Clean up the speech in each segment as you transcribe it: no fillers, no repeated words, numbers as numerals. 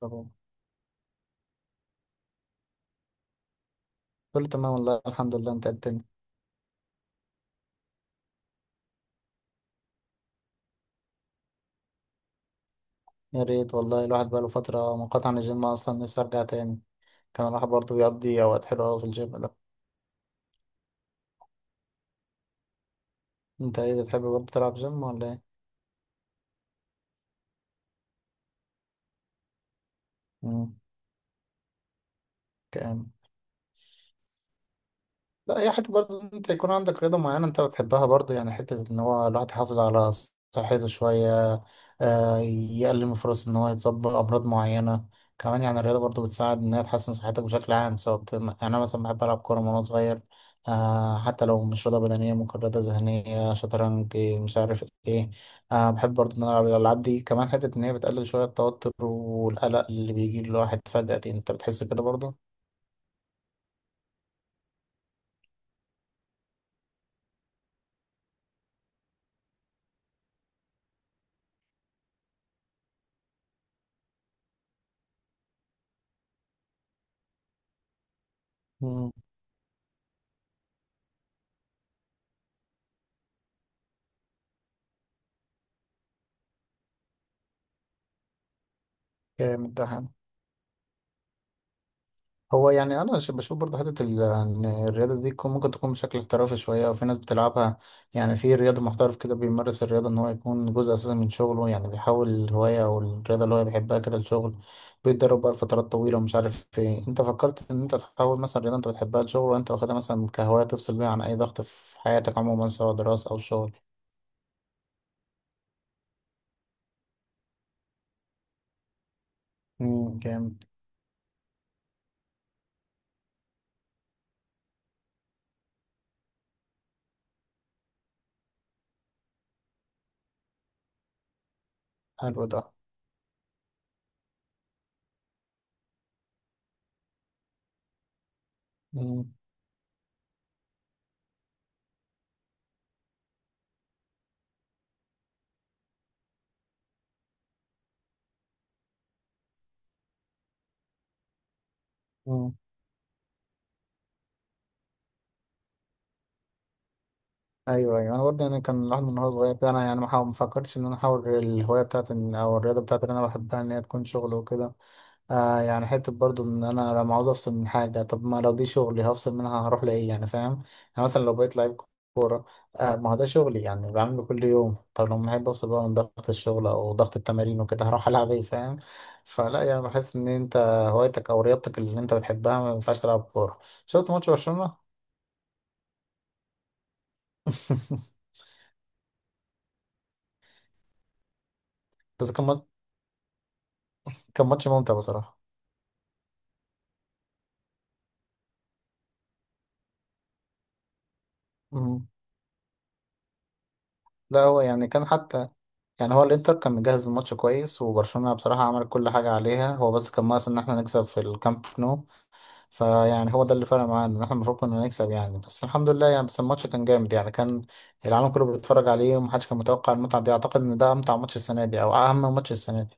طبعا، كله تمام والله، الحمد لله. انت إيه الدنيا؟ يا ريت والله. الواحد بقاله فترة منقطع عن الجيم اصلا، نفسي ارجع تاني. كان الواحد برضه بيقضي اوقات حلوة أوي في الجيم ده. انت ايه، بتحب برضه تلعب جيم ولا ايه؟ امم لا، هي حتة برضه إن انت يكون عندك رياضة معينة انت بتحبها برضه، يعني حتة ان هو الواحد يحافظ على صحته شوية. يقلل من فرص ان هو يتصاب بأمراض معينة. كمان يعني الرياضة برضه بتساعد انها تحسن صحتك بشكل عام، سواء يعني انا مثلا بحب العب كورة من وانا صغير. حتى لو مش رياضة بدنية، ممكن رياضة ذهنية، شطرنج، إيه، مش عارف ايه. بحب برضه ان انا العب الالعاب دي، كمان حتة ان هي بتقلل شوية التوتر والقلق اللي بيجي للواحد فجأة دي. انت بتحس كده برضه؟ مم. جامد ده. هو يعني انا بشوف برضه حته ان الرياضه دي ممكن تكون بشكل احترافي شويه، وفي ناس بتلعبها يعني في رياضه، محترف كده بيمارس الرياضه ان هو يكون جزء اساسي من شغله، يعني بيحول الهوايه او الرياضه اللي هو بيحبها كده لشغل، بيتدرب بقى لفترات طويله ومش عارف ايه. انت فكرت ان انت تحول مثلا رياضه انت بتحبها لشغل، ولا انت واخدها مثلا كهوايه تفصل بيها عن اي ضغط في حياتك عموما، سواء دراسه او شغل؟ جامد. حلو ده. امم ايوه ايوه، انا برضه يعني كان الواحد من وهو صغير كده، انا يعني ما فكرتش ان انا احاول الهوايه بتاعتي، او الرياضه بتاعتي اللي انا بحبها ان هي تكون شغل وكده. آه يعني حته برضه ان انا لما عاوز افصل من حاجه، طب ما لو دي شغلي، هفصل منها هروح لايه يعني، فاهم؟ يعني مثلا لو بقيت لعيب كوره، آه ما هو ده شغلي يعني، بعمله كل يوم. طب لما احب افصل بقى من ضغط الشغل او ضغط التمارين وكده، هروح العب ايه، فاهم؟ فلا يعني، بحس ان انت هوايتك او رياضتك اللي انت بتحبها ما ينفعش تلعب كوره. شفت ماتش برشلونه؟ بس كان ماتش- كان ماتش ممتع بصراحه. مم. لا هو يعني كان حتى يعني، هو الانتر كان مجهز الماتش كويس، وبرشلونة بصراحة عمل كل حاجة عليها هو، بس كان ناقص ان احنا نكسب في الكامب نو. فيعني هو ده اللي فرق معانا، ان احنا المفروض كنا نكسب يعني. بس الحمد لله يعني. بس الماتش كان جامد يعني، كان العالم كله بيتفرج عليه، ومحدش كان متوقع المتعة دي. اعتقد ان ده امتع ماتش السنة دي، او اهم ماتش السنة دي.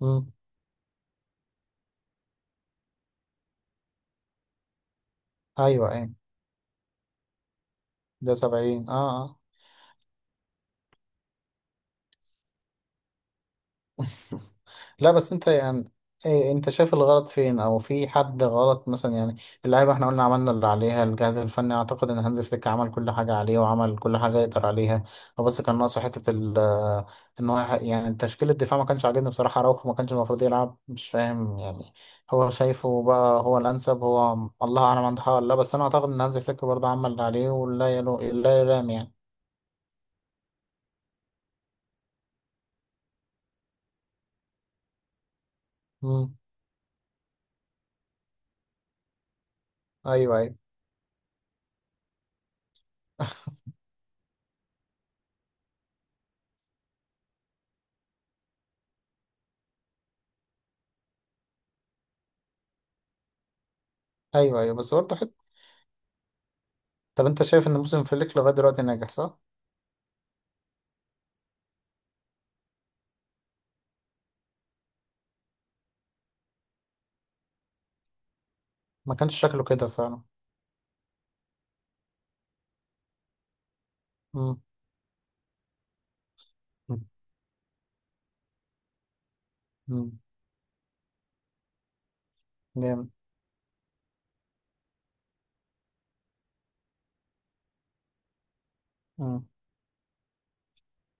مم. ايوه ايوه، ده 70، اه. اه. لا بس انت يعني، ايه، انت شايف الغلط فين، او في حد غلط مثلا يعني؟ اللعيبه احنا قلنا عملنا اللي عليها، الجهاز الفني اعتقد ان هانز فليك عمل كل حاجه عليه، وعمل كل حاجه يقدر عليها. هو بس كان ناقصه حته ال آه، ان هو يعني تشكيل الدفاع ما كانش عاجبني بصراحه. راوخو ما كانش المفروض يلعب، مش فاهم يعني هو شايفه بقى هو الانسب، هو الله اعلم، عنده حق ولا لا. بس انا اعتقد ان هانز فليك برضه عمل اللي عليه، ولا لا يلام يعني. مم. ايوه ايوه. ايوه ايوه، بس برضه، طب انت شايف ان موسم فليك لغايه دلوقتي ناجح، صح؟ ما كانش شكله كده فعلا. امم امم جامد. امم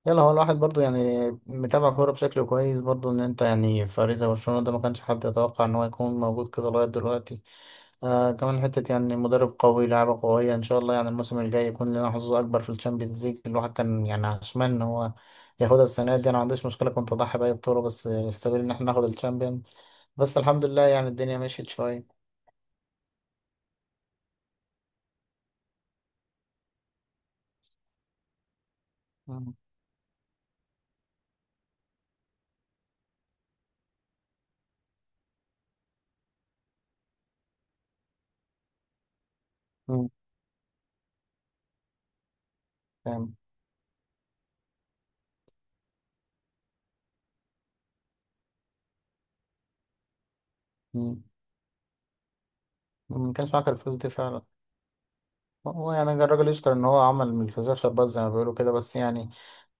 يلا، هو الواحد برضو يعني متابع كوره بشكل كويس برضو، ان انت يعني فريق زي برشلونه ده ما كانش حد يتوقع ان هو يكون موجود كده لغايه دلوقتي. آه، كمان حته يعني مدرب قوي، لعبه قويه. ان شاء الله يعني الموسم الجاي يكون لنا حظوظ اكبر في الشامبيونز ليج. الواحد كان يعني عشمان ان هو ياخدها السنه دي. انا ما عنديش مشكله، كنت اضحي باي بطوله بس في سبيل ان احنا ناخد الشامبيونز. بس الحمد لله يعني، الدنيا مشيت شويه. امم امم. تمام. مم. ما كانش معاك الفلوس دي فعلا. هو يعني الراجل يشكر ان هو عمل من الفسيخ شربات، زي ما بيقولوا كده. بس يعني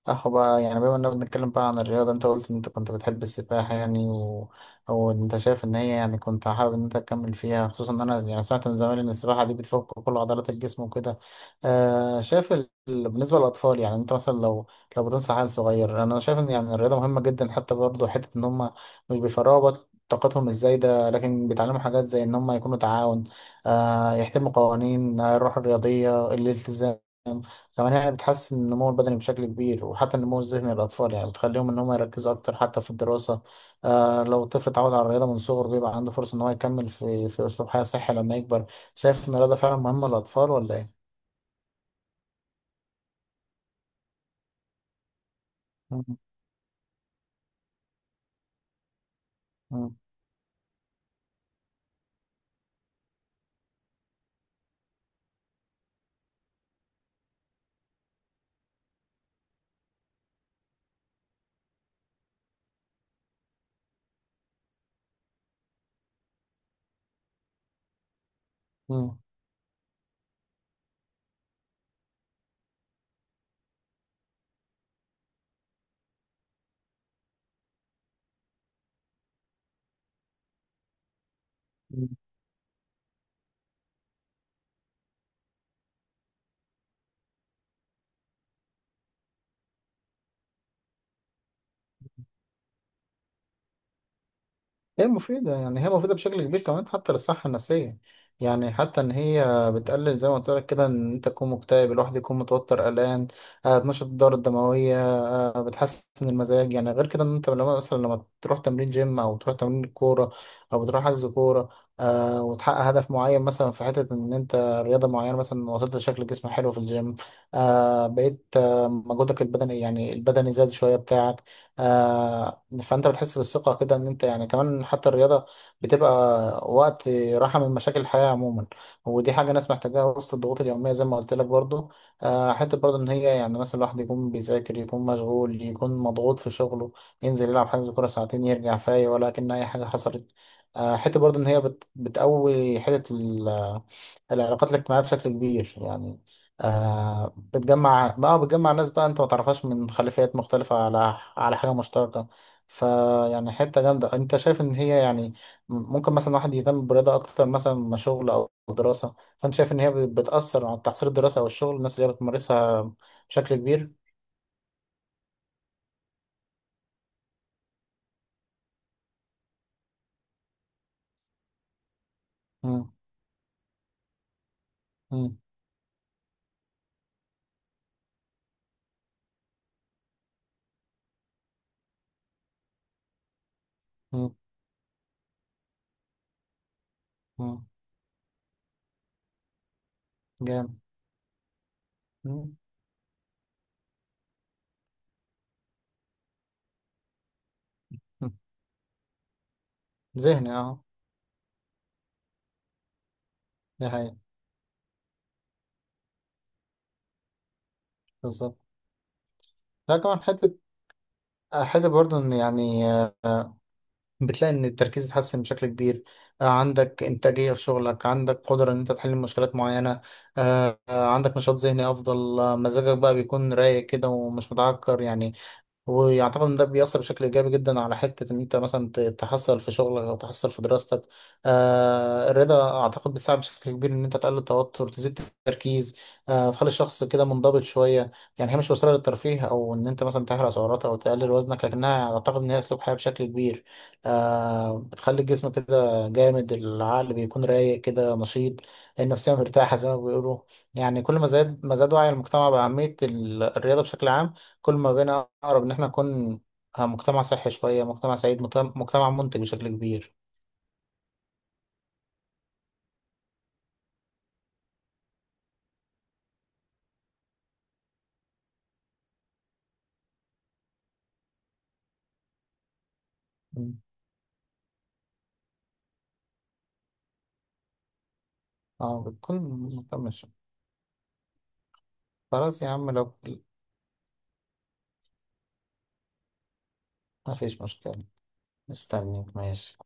صح بقى، يعني بما اننا بنتكلم بقى عن الرياضة، انت قلت ان انت كنت بتحب السباحة يعني، او انت شايف ان هي يعني كنت حابب ان انت تكمل فيها، خصوصا ان انا يعني سمعت من زمان ان السباحة دي بتفك كل عضلات الجسم وكده. آه، شايف بالنسبة للاطفال، يعني انت مثلا لو لو بتنصح عيل صغير، انا شايف ان يعني الرياضة مهمة جدا، حتى برضه حتة ان هم مش بيفرغوا طاقتهم الزايدة، لكن بيتعلموا حاجات زي ان هم يكونوا تعاون. آه، يحترموا قوانين، الروح الرياضية، الالتزام. كمان يعني بتحسن النمو البدني بشكل كبير، وحتى النمو الذهني للأطفال، يعني بتخليهم إن هم يركزوا أكتر حتى في الدراسة. آه، لو الطفل اتعود على الرياضة من صغره، بيبقى عنده فرصة إن هو يكمل في في أسلوب حياة صحي لما يكبر. شايف إن الرياضة فعلا مهمة للأطفال، ولا إيه؟ مم. مم. مم. هي مفيدة يعني، هي مفيدة بشكل كبير، كمان حتى للصحة النفسية يعني. حتى إن هي بتقلل زي ما قلت لك كده، إن أنت تكون مكتئب، الواحد يكون متوتر قلقان. بتنشط الدورة الدموية. بتحسن المزاج يعني. غير كده إن أنت لما مثلا لما تروح تمرين جيم أو تروح تمرين كورة، أو بتروح حجز كورة، وتحقق هدف معين مثلا في حتة إن أنت رياضة معينة، مثلا وصلت لشكل جسم حلو في الجيم. بقيت مجهودك البدني يعني البدني زاد شوية بتاعك. فانت بتحس بالثقه كده ان انت يعني. كمان حتى الرياضه بتبقى وقت راحه من مشاكل الحياه عموما، ودي حاجه ناس محتاجاها وسط الضغوط اليوميه زي ما قلت لك برضو. حته برضو ان هي يعني مثلا الواحد يكون بيذاكر، يكون مشغول، يكون مضغوط في شغله، ينزل يلعب حجز كوره ساعتين، يرجع فايق ولا كأن اي حاجه حصلت. حته برضو ان هي بتقوي حته العلاقات الاجتماعيه بشكل كبير يعني. آه، بتجمع بقى، بتجمع ناس بقى انت ما تعرفهاش من خلفيات مختلفة، على على حاجة مشتركة. فيعني حتة جامدة. انت شايف ان هي يعني ممكن مثلا واحد يهتم بالرياضة اكتر مثلا ما شغل او دراسة، فانت شايف ان هي بتأثر على تحصيل الدراسة او الشغل الناس اللي هي بتمارسها بشكل كبير؟ مم. مم. مم. مم. جامد. مم. مم. ذهني، اه. ده هي. بالظبط. لا كمان حتة، حتة برضه ان يعني، آه، بتلاقي ان التركيز اتحسن بشكل كبير. عندك انتاجيه في شغلك، عندك قدره ان انت تحل مشكلات معينه. عندك نشاط ذهني افضل. مزاجك بقى بيكون رايق كده ومش متعكر يعني. ويعتقد ان ده بيأثر بشكل ايجابي جدا على حته ان انت مثلا تحصل في شغلك او تحصل في دراستك. آه، الرضا اعتقد بيساعد بشكل كبير ان انت تقلل التوتر، تزيد التركيز. آه، تخلي الشخص كده منضبط شويه يعني. هي مش وسيله للترفيه او ان انت مثلا تحرق سعرات او تقلل وزنك، لكنها اعتقد ان هي اسلوب حياه بشكل كبير. آه، بتخلي الجسم كده جامد، العقل بيكون رايق كده نشيط، النفسيه مرتاحه زي ما بيقولوا. يعني كل ما زاد، ما زاد وعي المجتمع باهميه الرياضه بشكل عام، كل ما بقينا أقرب إن إحنا نكون مجتمع صحي شوية، مجتمع سعيد، مجتمع منتج بشكل كبير. مم. اه، بتكون مطمش. خلاص يا عم، لو ما فيش مشكلة. استنيك، ماشي.